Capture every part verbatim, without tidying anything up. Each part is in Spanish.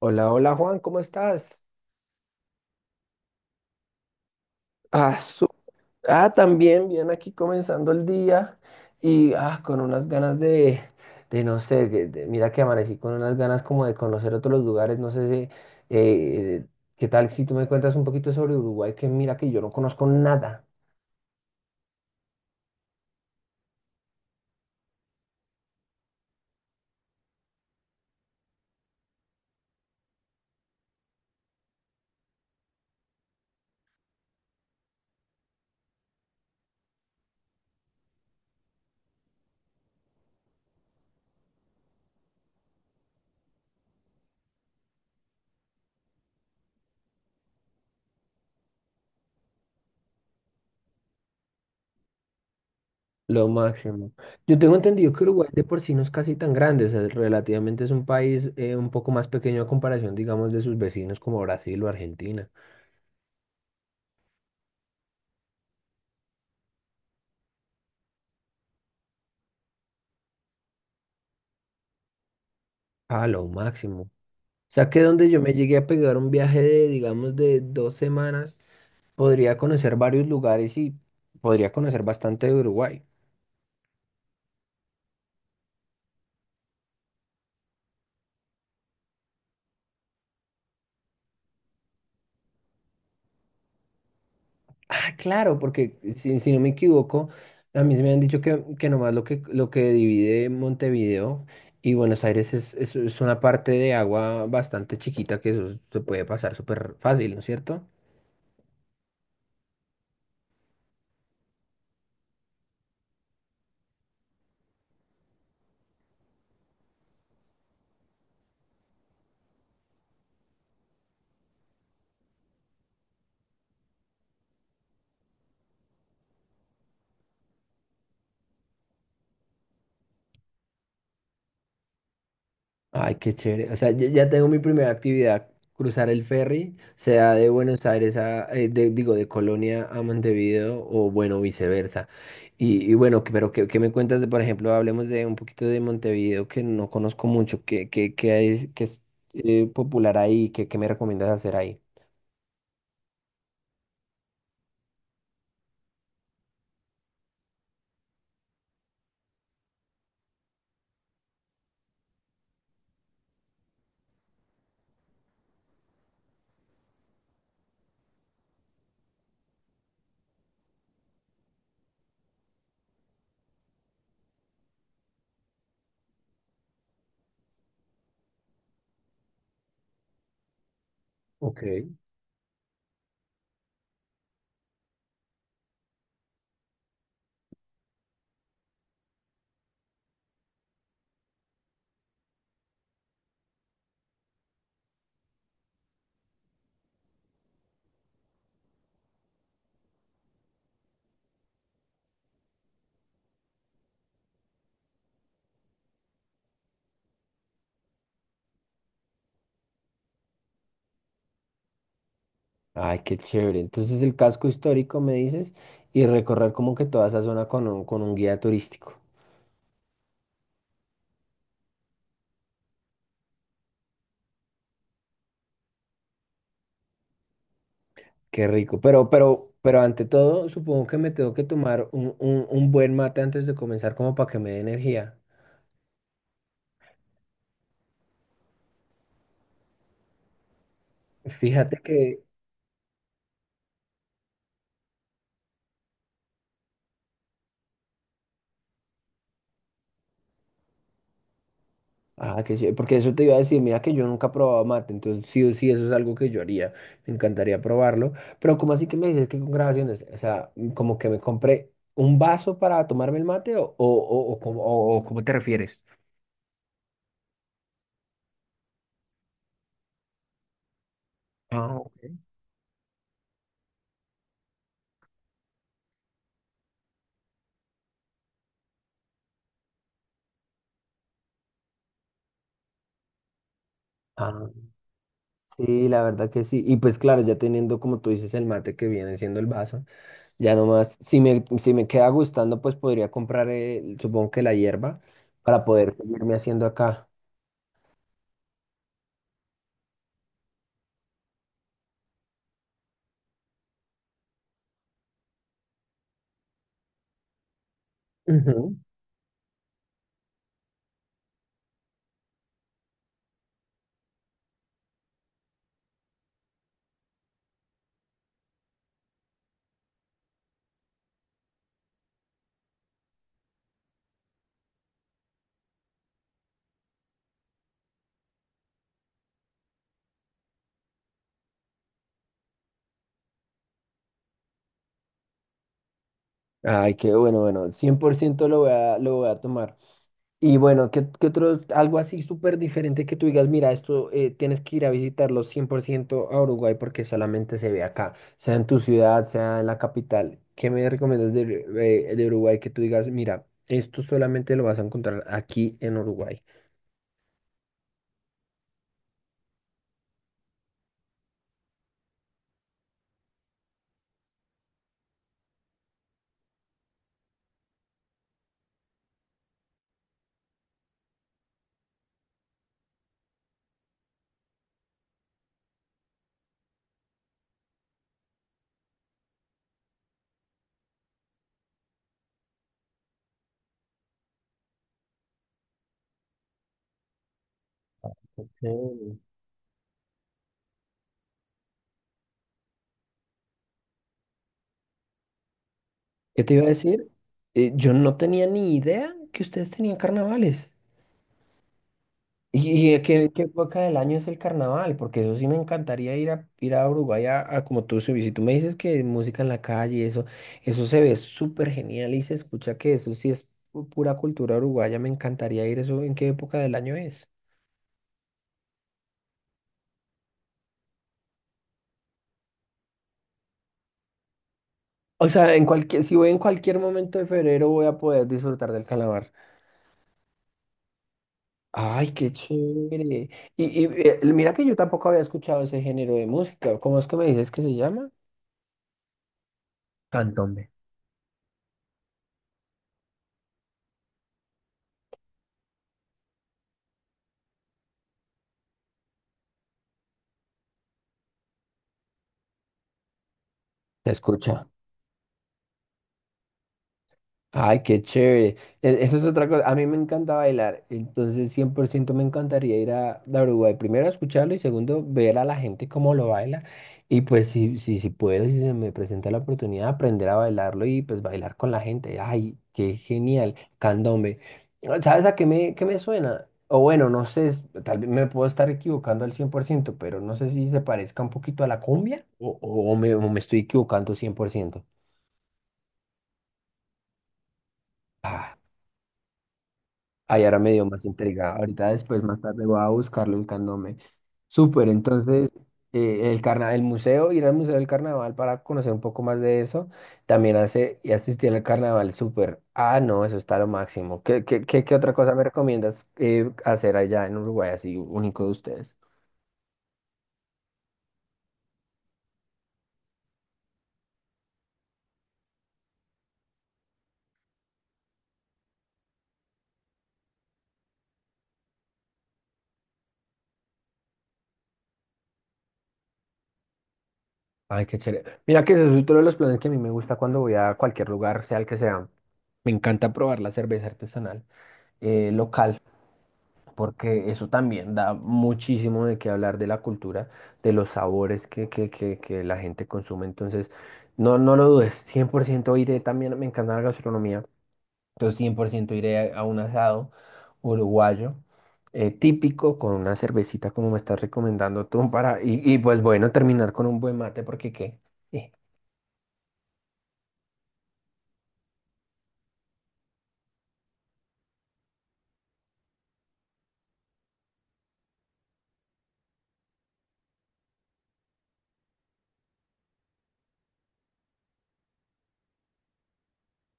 Hola, hola Juan, ¿cómo estás? Ah, su- ah, también, bien aquí comenzando el día y ah, con unas ganas de, de no sé, de- de- mira que amanecí con unas ganas como de conocer otros lugares, no sé si, eh, qué tal si tú me cuentas un poquito sobre Uruguay, que mira que yo no conozco nada. Lo máximo. Yo tengo entendido que Uruguay de por sí no es casi tan grande, o sea, relativamente es un país eh, un poco más pequeño a comparación, digamos, de sus vecinos como Brasil o Argentina. Ah, lo máximo. O sea que donde yo me llegué a pegar un viaje de, digamos, de dos semanas, podría conocer varios lugares y podría conocer bastante de Uruguay. Ah, claro, porque si, si no me equivoco, a mí me han dicho que, que nomás lo que, lo que divide Montevideo y Buenos Aires es, es, es una parte de agua bastante chiquita que eso se puede pasar súper fácil, ¿no es cierto? Ay, qué chévere. O sea, ya ya tengo mi primera actividad, cruzar el ferry, sea de Buenos Aires a, eh, de- digo, de Colonia a Montevideo o bueno, viceversa. Y, y bueno, que- pero ¿qué, qué me cuentas de, por ejemplo, hablemos de un poquito de Montevideo que no conozco mucho, qué, qué, qué hay, qué es eh, popular ahí, qué, qué me recomiendas hacer ahí? Ok. Ay, qué chévere. Entonces el casco histórico, me dices, y recorrer como que toda esa zona con un, con un guía turístico. Qué rico. Pero, pero, pero ante todo, supongo que me tengo que tomar un, un, un buen mate antes de comenzar, como para que me dé energía. Fíjate que. Ah, que sí, porque eso te iba a decir, mira que yo nunca he probado mate, entonces sí o sí, eso es algo que yo haría, me encantaría probarlo, pero ¿cómo así que me dices que con grabaciones? O sea, como que me compré un vaso para tomarme el mate o, o, o, o cómo o- o cómo te refieres? Ah, ok. Ah, sí, la verdad que sí, y pues claro, ya teniendo como tú dices el mate que viene siendo el vaso. Ya nomás, si me, si me queda gustando, pues podría comprar, el- supongo que la hierba, para poder seguirme haciendo acá. Ujú. Ay, qué bueno, bueno, cien por ciento lo voy a, lo voy a tomar. Y bueno, ¿qué, qué otro, algo así súper diferente que tú digas, mira, esto eh, tienes que ir a visitarlo cien por ciento a Uruguay porque solamente se ve acá, sea en tu ciudad, sea en la capital. ¿Qué me recomiendas de, Ur- eh, de Uruguay que tú digas, mira, esto solamente lo vas a encontrar aquí en Uruguay? ¿Qué te iba a decir? Eh, yo no tenía ni idea que ustedes tenían carnavales. ¿Y, y a qué, ¿qué época del año es el carnaval? Porque eso sí me encantaría ir a, ir a Uruguay a, a como tú, si si tú me dices que música en la calle, y eso, eso se ve súper genial y se escucha que eso sí es pu- pura cultura uruguaya. Me encantaría ir eso. ¿En qué época del año es? O sea, en cualquier, si voy en cualquier momento de febrero voy a poder disfrutar del carnaval. Ay, qué chévere. Y, y, eh, mira que yo tampoco había escuchado ese género de música. ¿Cómo es que me dices que se llama? Candombe. Se escucha. Ay, qué chévere. E- Eso es otra cosa. A mí me encanta bailar, entonces cien por ciento me encantaría ir a, a Uruguay. Primero, a escucharlo y segundo, ver a la gente cómo lo baila. Y pues si, si, si puedo, si se me presenta la oportunidad, aprender a bailarlo y pues bailar con la gente. Ay, qué genial. Candombe. Ah, ¿sabes a qué me, qué me suena? O bueno, no sé, es- tal vez me puedo estar equivocando al cien por ciento, pero no sé si se parezca un poquito a la cumbia o, o- o me, o me estoy equivocando cien por ciento. Ahí ahora me dio más intriga. Ahorita después, más tarde, voy a buscarlo el candome. Súper, entonces, eh, el carna el museo, ir al Museo del Carnaval para conocer un poco más de eso, también hace y asistir al carnaval, súper. Ah, no, eso está lo máximo. ¿Qué, qué, qué, qué otra cosa me recomiendas eh, hacer allá en Uruguay, así único de ustedes? Ay, qué chévere. Mira que ese es otro de los planes que a mí me gusta cuando voy a cualquier lugar, sea el que sea. Me encanta probar la cerveza artesanal eh, local, porque eso también da muchísimo de qué hablar de la cultura, de los sabores que, que, que, que la gente consume. Entonces, no, no lo dudes, cien por ciento iré también, me encanta la gastronomía, entonces cien por ciento iré a, a un asado uruguayo, eh, típico con una cervecita como me estás recomendando tú para y, y pues bueno terminar con un buen mate porque qué.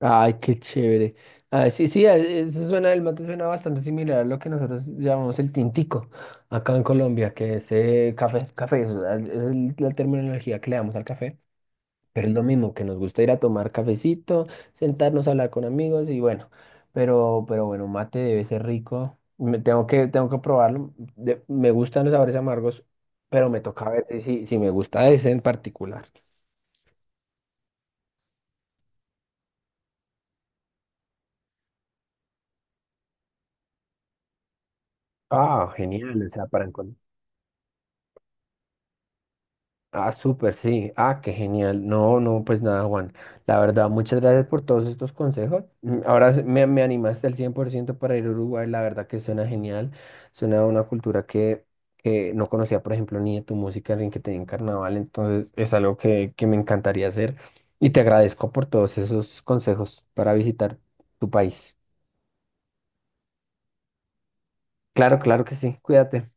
Ay, qué chévere. Ah, sí, sí, e- eso suena, el mate suena bastante similar a lo que nosotros llamamos el tintico acá en Colombia, que es eh, café, café, es la es el- la terminología que le damos al café, pero es lo mismo, que nos gusta ir a tomar cafecito, sentarnos a hablar con amigos y bueno, pero, pero bueno, mate debe ser rico. Me, tengo que, tengo que probarlo. De- me gustan los sabores amargos, pero me toca ver si, si si me gusta ese en particular. Ah, genial, o sea, para encontrar. Ah, súper, sí. Ah, qué genial. No, no, pues nada, Juan. La verdad, muchas gracias por todos estos consejos. Mm, ahora se- me, me animaste al cien por ciento para ir a Uruguay. La verdad que suena genial. Suena a una cultura que, que no conocía, por ejemplo, ni de tu música, ni que tenía en carnaval. Entonces, es algo que, que me encantaría hacer. Y te agradezco por todos esos consejos para visitar tu país. Claro, claro que sí. Cuídate.